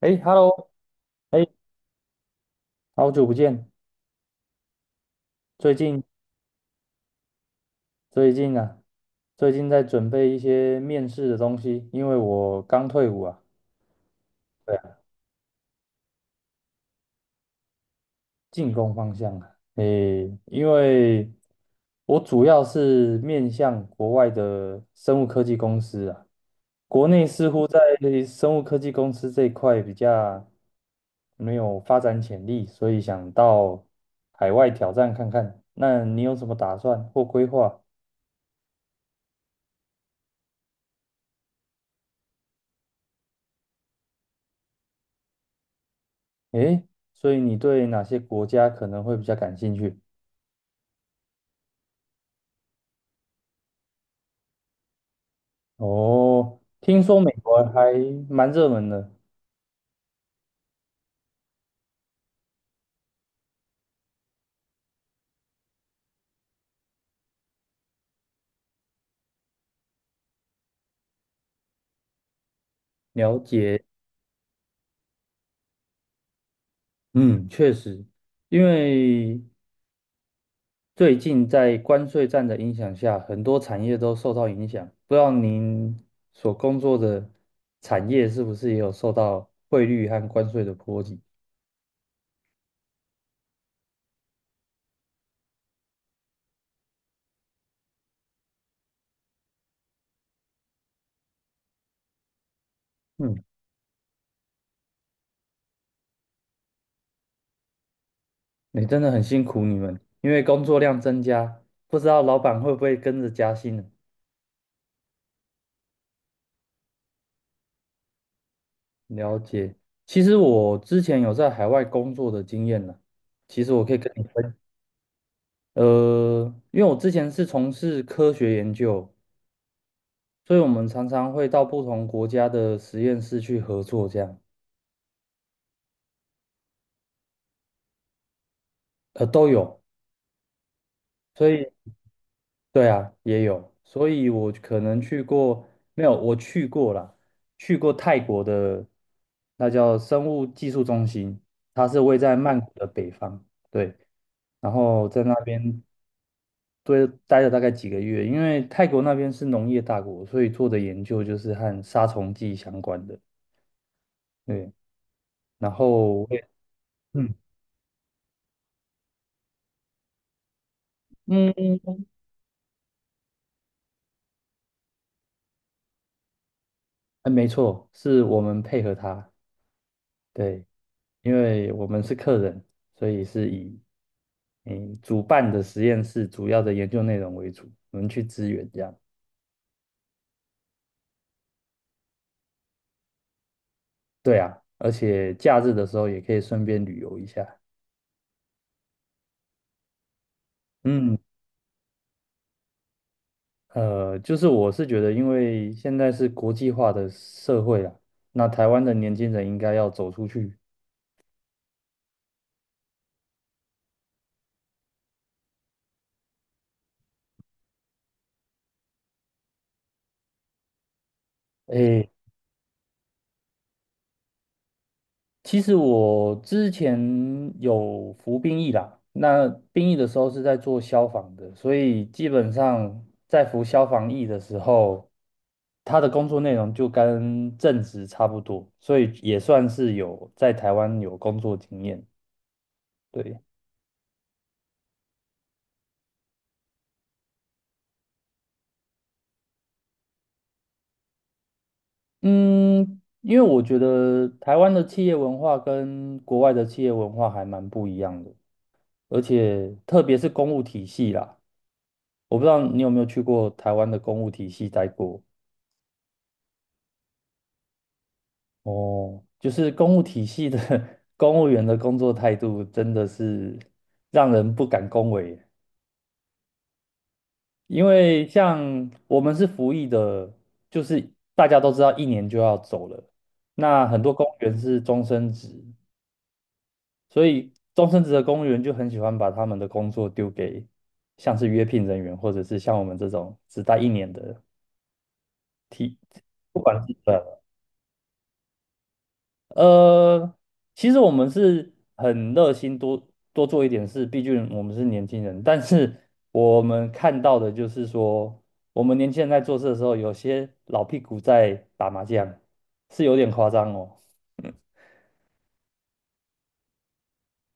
哎，Hello，哎，好久不见。最近最近啊，最近在准备一些面试的东西，因为我刚退伍啊。对啊，进攻方向啊。诶，因为我主要是面向国外的生物科技公司啊，国内似乎在生物科技公司这一块比较没有发展潜力，所以想到海外挑战看看。那你有什么打算或规划？诶，所以你对哪些国家可能会比较感兴趣？哦，听说美国还蛮热门的，了解。嗯，确实，因为最近在关税战的影响下，很多产业都受到影响。不知道您所工作的产业是不是也有受到汇率和关税的波及？嗯，你真的很辛苦你们，因为工作量增加，不知道老板会不会跟着加薪呢？了解。其实我之前有在海外工作的经验呢，其实我可以跟你分，因为我之前是从事科学研究，所以我们常常会到不同国家的实验室去合作，这样，都有。所以，对啊，也有。所以我可能去过，没有，我去过啦，去过泰国的，那叫生物技术中心，它是位在曼谷的北方，对。然后在那边对，待了大概几个月，因为泰国那边是农业大国，所以做的研究就是和杀虫剂相关的。对，然后我也嗯嗯，哎没错，是我们配合他，对，因为我们是客人，所以是以嗯主办的实验室主要的研究内容为主，我们去支援这样。对啊，而且假日的时候也可以顺便旅游一下。嗯。就是我是觉得，因为现在是国际化的社会啦，那台湾的年轻人应该要走出去。诶，其实我之前有服兵役啦，那兵役的时候是在做消防的，所以基本上在服消防役的时候，他的工作内容就跟正职差不多，所以也算是有在台湾有工作经验。对。嗯，因为我觉得台湾的企业文化跟国外的企业文化还蛮不一样的，而且特别是公务体系啦，我不知道你有没有去过台湾的公务体系待过哦，就是公务体系的 公务员的工作态度真的是让人不敢恭维，因为像我们是服役的，就是大家都知道一年就要走了，那很多公务员是终身制，所以终身职的公务员就很喜欢把他们的工作丢给像是约聘人员，或者是像我们这种只待一年的替，不管是呃呃，其实我们是很热心多做一点事，毕竟我们是年轻人。但是我们看到的就是说，我们年轻人在做事的时候，有些老屁股在打麻将，是有点夸张哦。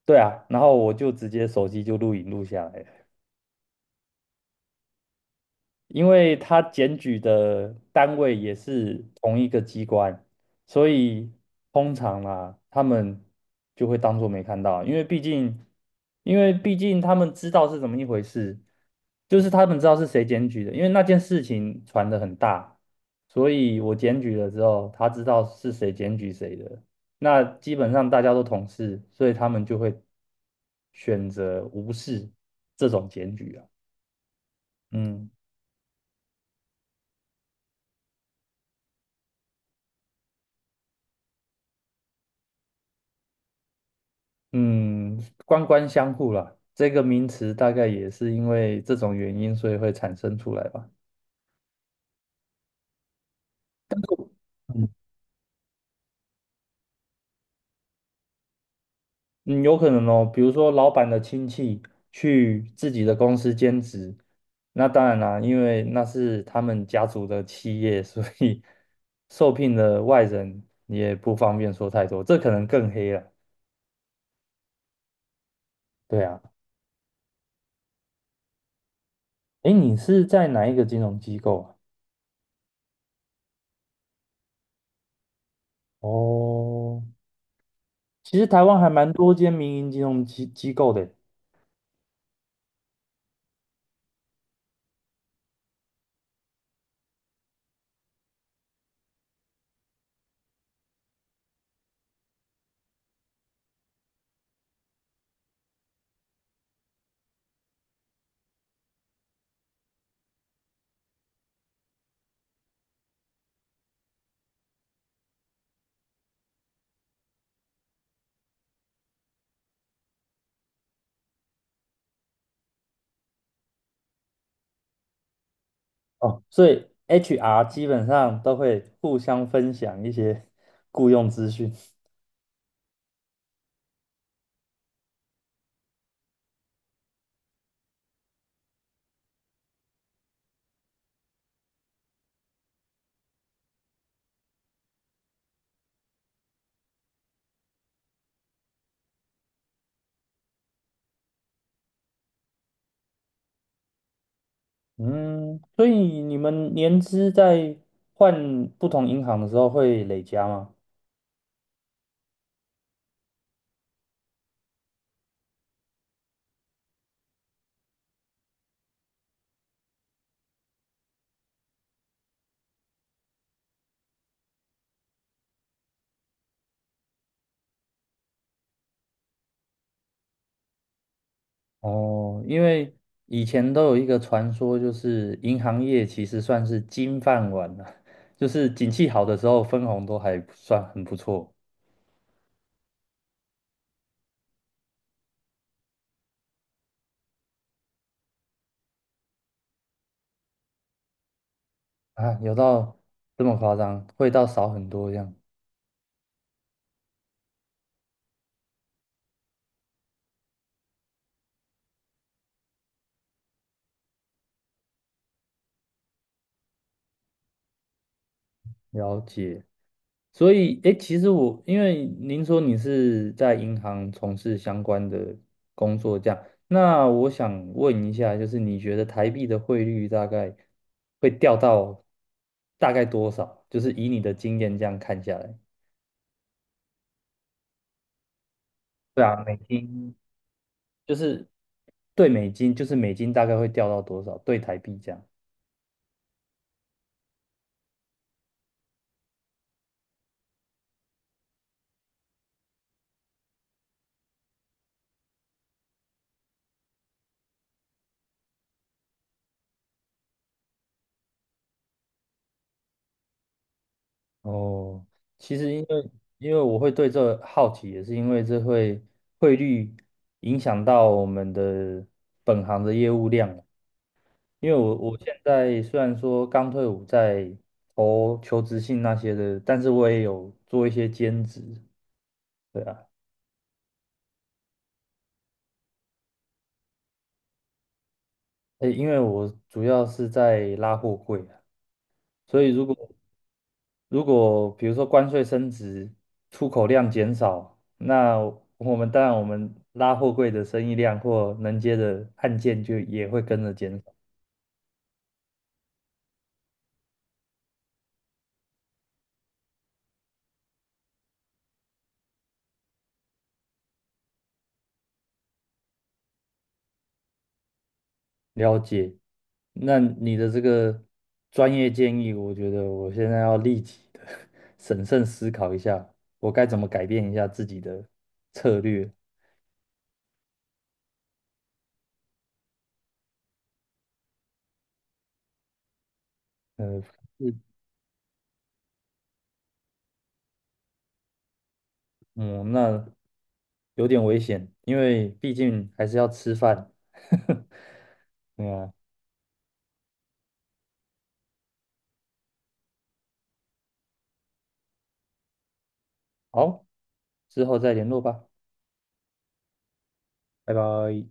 对啊，然后我就直接手机就录影录下来了。因为他检举的单位也是同一个机关，所以通常啊，他们就会当做没看到，因为毕竟他们知道是怎么一回事，就是他们知道是谁检举的，因为那件事情传得很大，所以我检举了之后，他知道是谁检举谁的，那基本上大家都同事，所以他们就会选择无视这种检举啊，嗯。嗯，官官相护啦，这个名词大概也是因为这种原因，所以会产生出来吧。嗯嗯有可能哦，比如说老板的亲戚去自己的公司兼职，那当然啦，因为那是他们家族的企业，所以受聘的外人也不方便说太多，这可能更黑了。对啊，诶，你是在哪一个金融机构啊？哦，其实台湾还蛮多间民营金融机构的。哦，所以 HR 基本上都会互相分享一些 雇佣资讯。嗯，所以你们年资在换不同银行的时候会累加吗？哦，因为以前都有一个传说，就是银行业其实算是金饭碗了，就是景气好的时候分红都还算很不错啊，有到这么夸张，会到少很多这样。了解。所以，诶，其实我因为您说你是在银行从事相关的工作，这样，那我想问一下，就是你觉得台币的汇率大概会掉到大概多少？就是以你的经验这样看下来，对啊，美金就是对美金，就是美金大概会掉到多少？对台币这样。哦，其实因为我会对这好奇，也是因为这会汇率影响到我们的本行的业务量啊。因为我现在虽然说刚退伍，在投求职信那些的，但是我也有做一些兼职。对啊，诶，因为我主要是在拉货柜啊，所以如果比如说关税升值，出口量减少，那我们拉货柜的生意量或能接的案件就也会跟着减少。了解，那你的这个专业建议，我觉得我现在要立即的 审慎思考一下，我该怎么改变一下自己的策略。呃，是嗯，那有点危险，因为毕竟还是要吃饭。对啊好，之后再联络吧，拜拜。